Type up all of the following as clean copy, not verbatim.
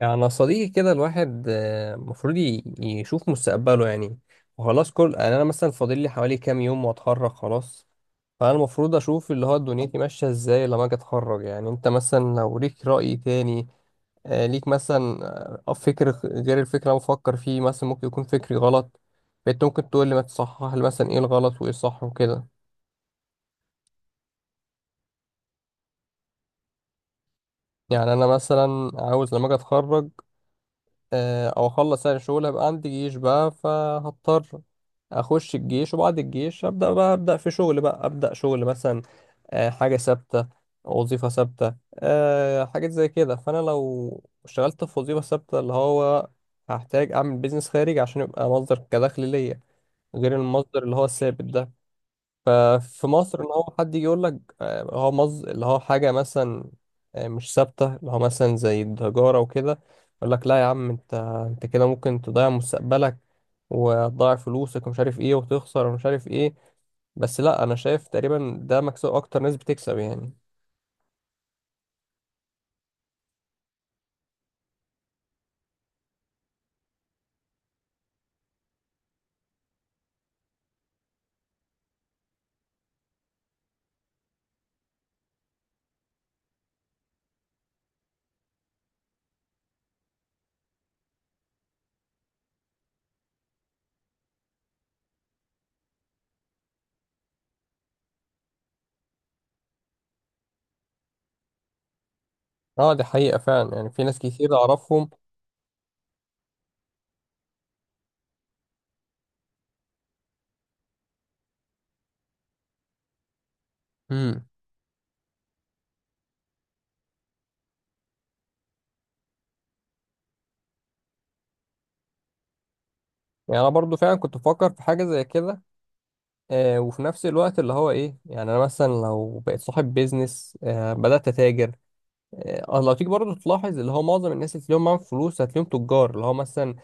يعني صديقي كده الواحد المفروض يشوف مستقبله يعني. وخلاص كل يعني انا مثلا فاضل لي حوالي كام يوم واتخرج خلاص. فانا المفروض اشوف اللي هو دنيتي ماشيه ازاي لما اجي اتخرج. يعني انت مثلا لو ليك رأي تاني آه، ليك مثلا غير الفكر اللي انا بفكر فيه مثلا ممكن يكون فكري غلط. فانت ممكن تقول لي ما تصحح لي مثلا ايه الغلط وايه الصح وكده. يعني انا مثلا عاوز لما اجي اتخرج او اخلص يعني شغل هيبقى عندي جيش بقى فهضطر اخش الجيش، وبعد الجيش ابدا بقى ابدا في شغل بقى ابدا شغل مثلا، حاجه ثابته، وظيفه ثابته، حاجات زي كده. فانا لو اشتغلت في وظيفه ثابته اللي هو هحتاج اعمل بيزنس خارجي عشان يبقى مصدر كدخل ليا، غير المصدر اللي هو الثابت ده في مصر. ان هو حد يجي يقول لك هو مز اللي هو حاجه مثلا مش ثابته، اللي هو مثلا زي التجاره وكده، يقول لك لا يا عم، انت كده ممكن تضيع مستقبلك وتضيع فلوسك ومش عارف ايه وتخسر ومش عارف ايه. بس لا، انا شايف تقريبا ده مكسب، اكتر ناس بتكسب يعني. اه، دي حقيقه فعلا، يعني في ناس كتير اعرفهم. امم يعني انا برضو فعلا كنت بفكر في حاجه زي كده، آه، وفي نفس الوقت اللي هو ايه، يعني انا مثلا لو بقيت صاحب بيزنس آه بدات اتاجر. اه لو تيجي برضه تلاحظ اللي هو معظم الناس اللي تلاقيهم معاهم فلوس هتلاقيهم تجار، اللي هو مثلا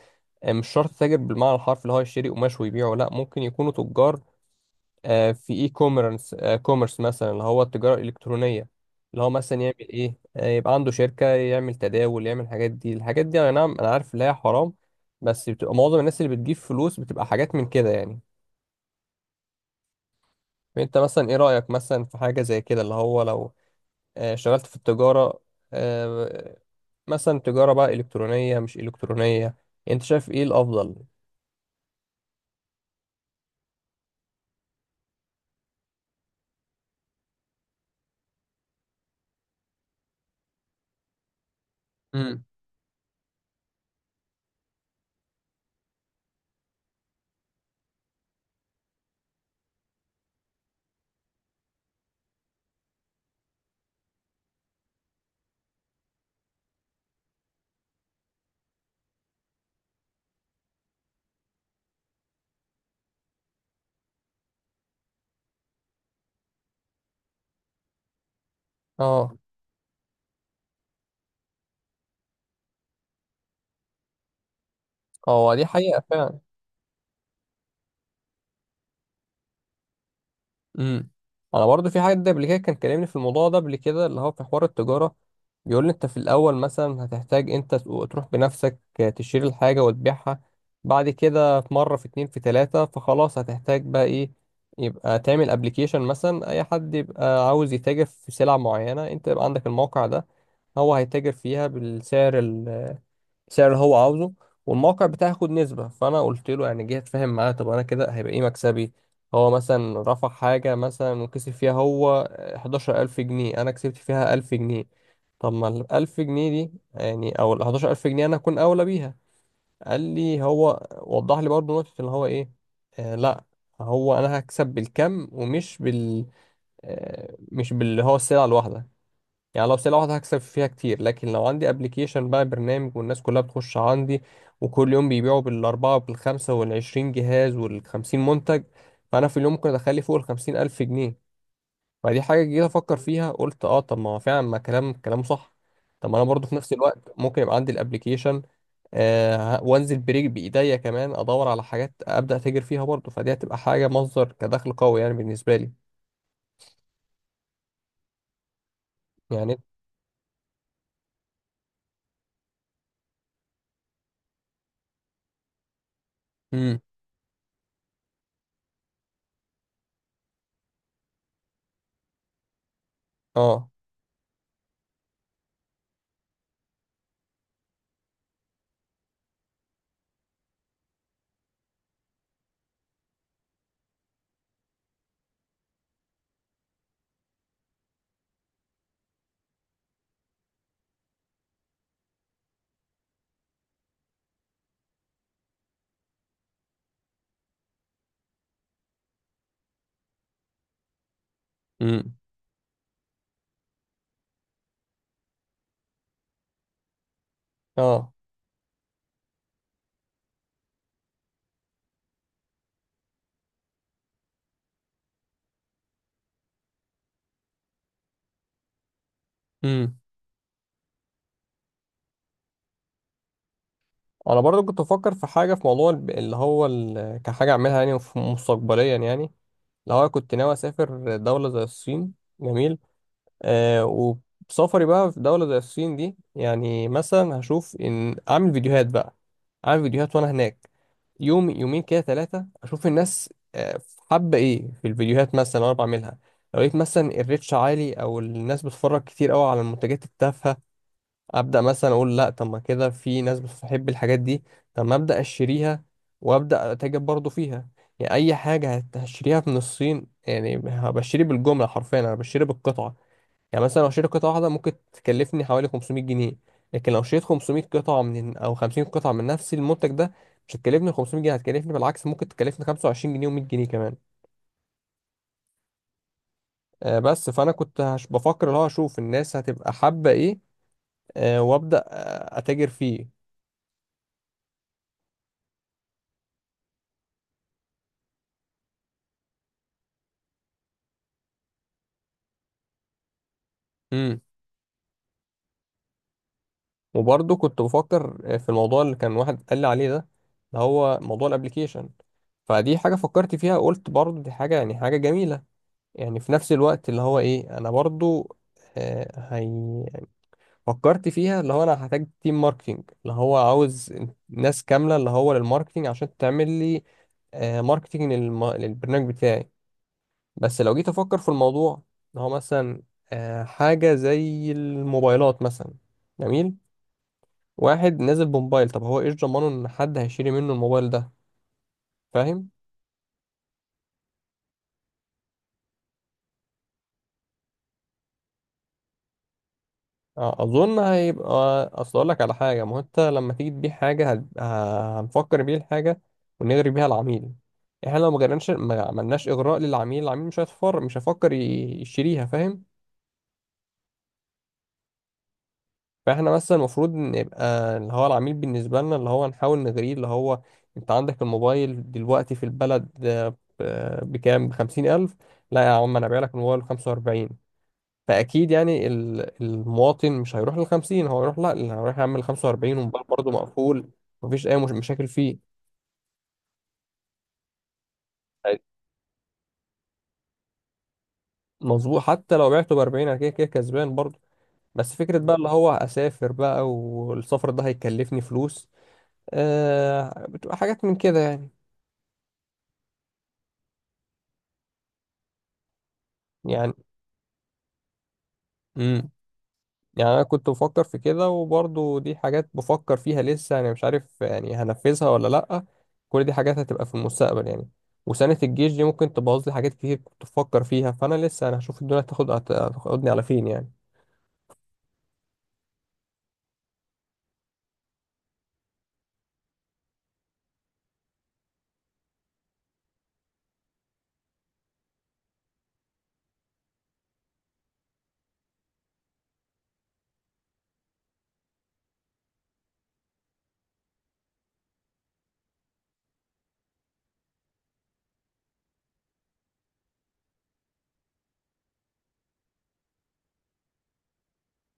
مش شرط تاجر بالمعنى الحرفي اللي هو يشتري قماش ويبيعه، لا، ممكن يكونوا تجار في اي كوميرس، كوميرس مثلا اللي هو التجارة الإلكترونية، اللي هو مثلا يعمل ايه يبقى عنده شركة يعمل تداول يعمل الحاجات دي. الحاجات دي انا نعم انا عارف ان هي حرام، بس بتبقى معظم الناس اللي بتجيب فلوس بتبقى حاجات من كده يعني. فانت مثلا ايه رأيك مثلا في حاجة زي كده، اللي هو لو اشتغلت في التجارة، آه، مثلا تجارة بقى إلكترونية مش إلكترونية، أنت شايف إيه الأفضل؟ امم أه، هو دي حقيقة فعلا. أمم أنا برضو في حد قبل كده كان كلمني في الموضوع ده قبل كده، اللي هو في حوار التجارة. بيقول لي أنت في الأول مثلا هتحتاج أنت تروح بنفسك تشتري الحاجة وتبيعها. بعد كده في مرة، في اتنين، في تلاتة، فخلاص هتحتاج بقى إيه؟ يبقى تعمل أبليكيشن مثلا، أي حد يبقى عاوز يتاجر في سلع معينة أنت يبقى عندك الموقع ده، هو هيتاجر فيها بالسعر، سعر اللي هو عاوزه، والموقع بتاعي هياخد نسبة. فأنا قلت له يعني جه أتفاهم معاه، طب أنا كده هيبقى إيه مكسبي؟ هو مثلا رفع حاجة مثلا وكسب فيها هو 11 ألف جنيه، أنا كسبت فيها 1000 جنيه. طب ما الـ1000 جنيه دي يعني أو الـ11 ألف جنيه أنا أكون أولى بيها. قال لي هو، وضح لي برضه نقطة اللي هو إيه، آه لأ، هو أنا هكسب بالكم ومش بال، آه، مش باللي هو السلعة الواحدة. يعني لو بسلة واحدة هكسب فيها كتير، لكن لو عندي ابلكيشن بقى برنامج والناس كلها بتخش عندي وكل يوم بيبيعوا بالأربعة وبالخمسة والعشرين جهاز والخمسين منتج، فأنا في اليوم ممكن أدخلي فوق الـ50 ألف جنيه. فدي حاجة جيت أفكر فيها قلت أه، طب ما هو فعلا ما كلامه صح. طب ما أنا برضو في نفس الوقت ممكن يبقى عندي الابلكيشن، آه، وانزل بريك بإيديا كمان أدور على حاجات أبدأ أتاجر فيها برضو، فدي هتبقى حاجة مصدر كدخل قوي يعني بالنسبة لي. يعني. امم اه. امم اه، انا برضو كنت بفكر في حاجه في موضوع كحاجه اعملها يعني مستقبليا يعني، اللي هو كنت ناوي اسافر دوله زي الصين. جميل. آه، وسفري بقى في دوله زي الصين دي يعني مثلا هشوف ان اعمل فيديوهات بقى، اعمل فيديوهات وانا هناك يوم يومين كده ثلاثه، اشوف الناس حابه ايه في الفيديوهات مثلا وانا بعملها. لو لقيت مثلا الريتش عالي او الناس بتتفرج كتير قوي على المنتجات التافهه، ابدا مثلا اقول لا، طب ما كده في ناس بتحب الحاجات دي، طب ما ابدا اشتريها وابدا اتاجر برضو فيها. يعني اي حاجه هشتريها من الصين يعني بشتري بالجمله، حرفيا انا بشتري بالقطعه. يعني مثلا لو اشتري قطعه واحده ممكن تكلفني حوالي 500 جنيه، لكن لو اشتريت 500 قطعه من او 50 قطعه من نفس المنتج ده مش هتكلفني 500 جنيه، هتكلفني بالعكس ممكن تكلفني 25 جنيه و100 جنيه كمان. بس فانا كنت بفكر اللي هو اشوف الناس هتبقى حابه ايه وابدا اتاجر فيه. وبرضه كنت بفكر في الموضوع اللي كان واحد قال لي عليه ده، اللي هو موضوع الابليكيشن. فدي حاجة فكرت فيها قلت برضه دي حاجة يعني حاجة جميلة، يعني في نفس الوقت اللي هو ايه، انا برضه آه، هي فكرت فيها، اللي هو انا هحتاج تيم ماركتينج اللي هو عاوز ناس كاملة اللي هو للماركتينج عشان تعمل لي ماركتينج للبرنامج بتاعي. بس لو جيت افكر في الموضوع، اللي هو مثلا حاجة زي الموبايلات مثلا. جميل. واحد نازل بموبايل، طب هو ايش ضمانه ان حد هيشتري منه الموبايل ده؟ فاهم. اظن هيبقى، اصل اقول لك على حاجه، ما هو انت لما تيجي تبيع حاجه هنفكر بيه الحاجه ونغري بيها العميل. احنا لو ما غرناش ما عملناش اغراء للعميل، العميل مش هيفكر يشتريها، فاهم. فاحنا مثلا المفروض نبقى اللي هو العميل بالنسبه لنا اللي هو نحاول نغريه، اللي هو انت عندك الموبايل دلوقتي في البلد بكام؟ بـ50 ألف. لا يا عم، انا بايع لك الموبايل بـ45. فاكيد يعني المواطن مش هيروح لل 50، هو هيروح لا، اللي هيروح يعمل 45 وموبايل برضه مقفول، مفيش اي مش مشاكل فيه. أي. مظبوط، حتى لو بعته ب 40 انا كده كده كسبان برضه. بس فكره بقى اللي هو اسافر بقى، والسفر ده هيكلفني فلوس آه، بتبقى حاجات من كده يعني. يعني. مم. يعني انا كنت بفكر في كده، وبرضه دي حاجات بفكر فيها لسه يعني مش عارف يعني هنفذها ولا لأ، كل دي حاجات هتبقى في المستقبل يعني. وسنة الجيش دي ممكن تبوظ لي حاجات كتير كنت بفكر فيها، فانا لسه انا هشوف الدنيا هتاخدني على فين يعني.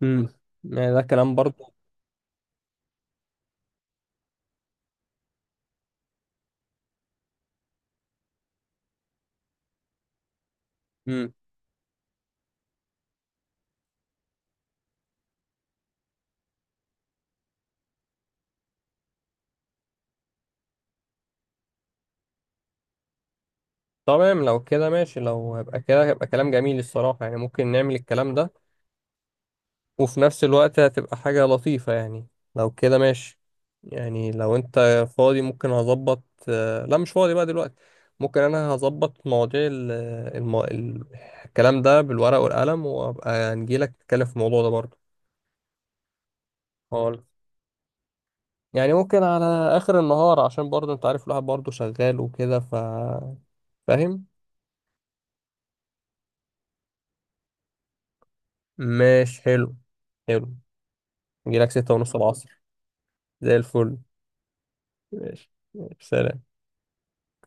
امم يعني ده كلام برضه. امم تمام، لو كده ماشي، لو هيبقى كده هيبقى كلام جميل الصراحة، يعني ممكن نعمل الكلام ده وفي نفس الوقت هتبقى حاجة لطيفة يعني. لو كده ماشي، يعني لو انت فاضي ممكن هظبط لا مش فاضي بقى دلوقتي. ممكن انا هظبط مواضيع الم... ال- الكلام ده بالورق والقلم وابقى نجيلك نتكلم في الموضوع ده برضه. خالص. يعني ممكن على اخر النهار، عشان برضه انت عارف الواحد برضه شغال وكده ف. فاهم. ماشي، حلو. حلو. نجيلك ستة ونص العصر. زي الفل. ماشي ماشي. سلام.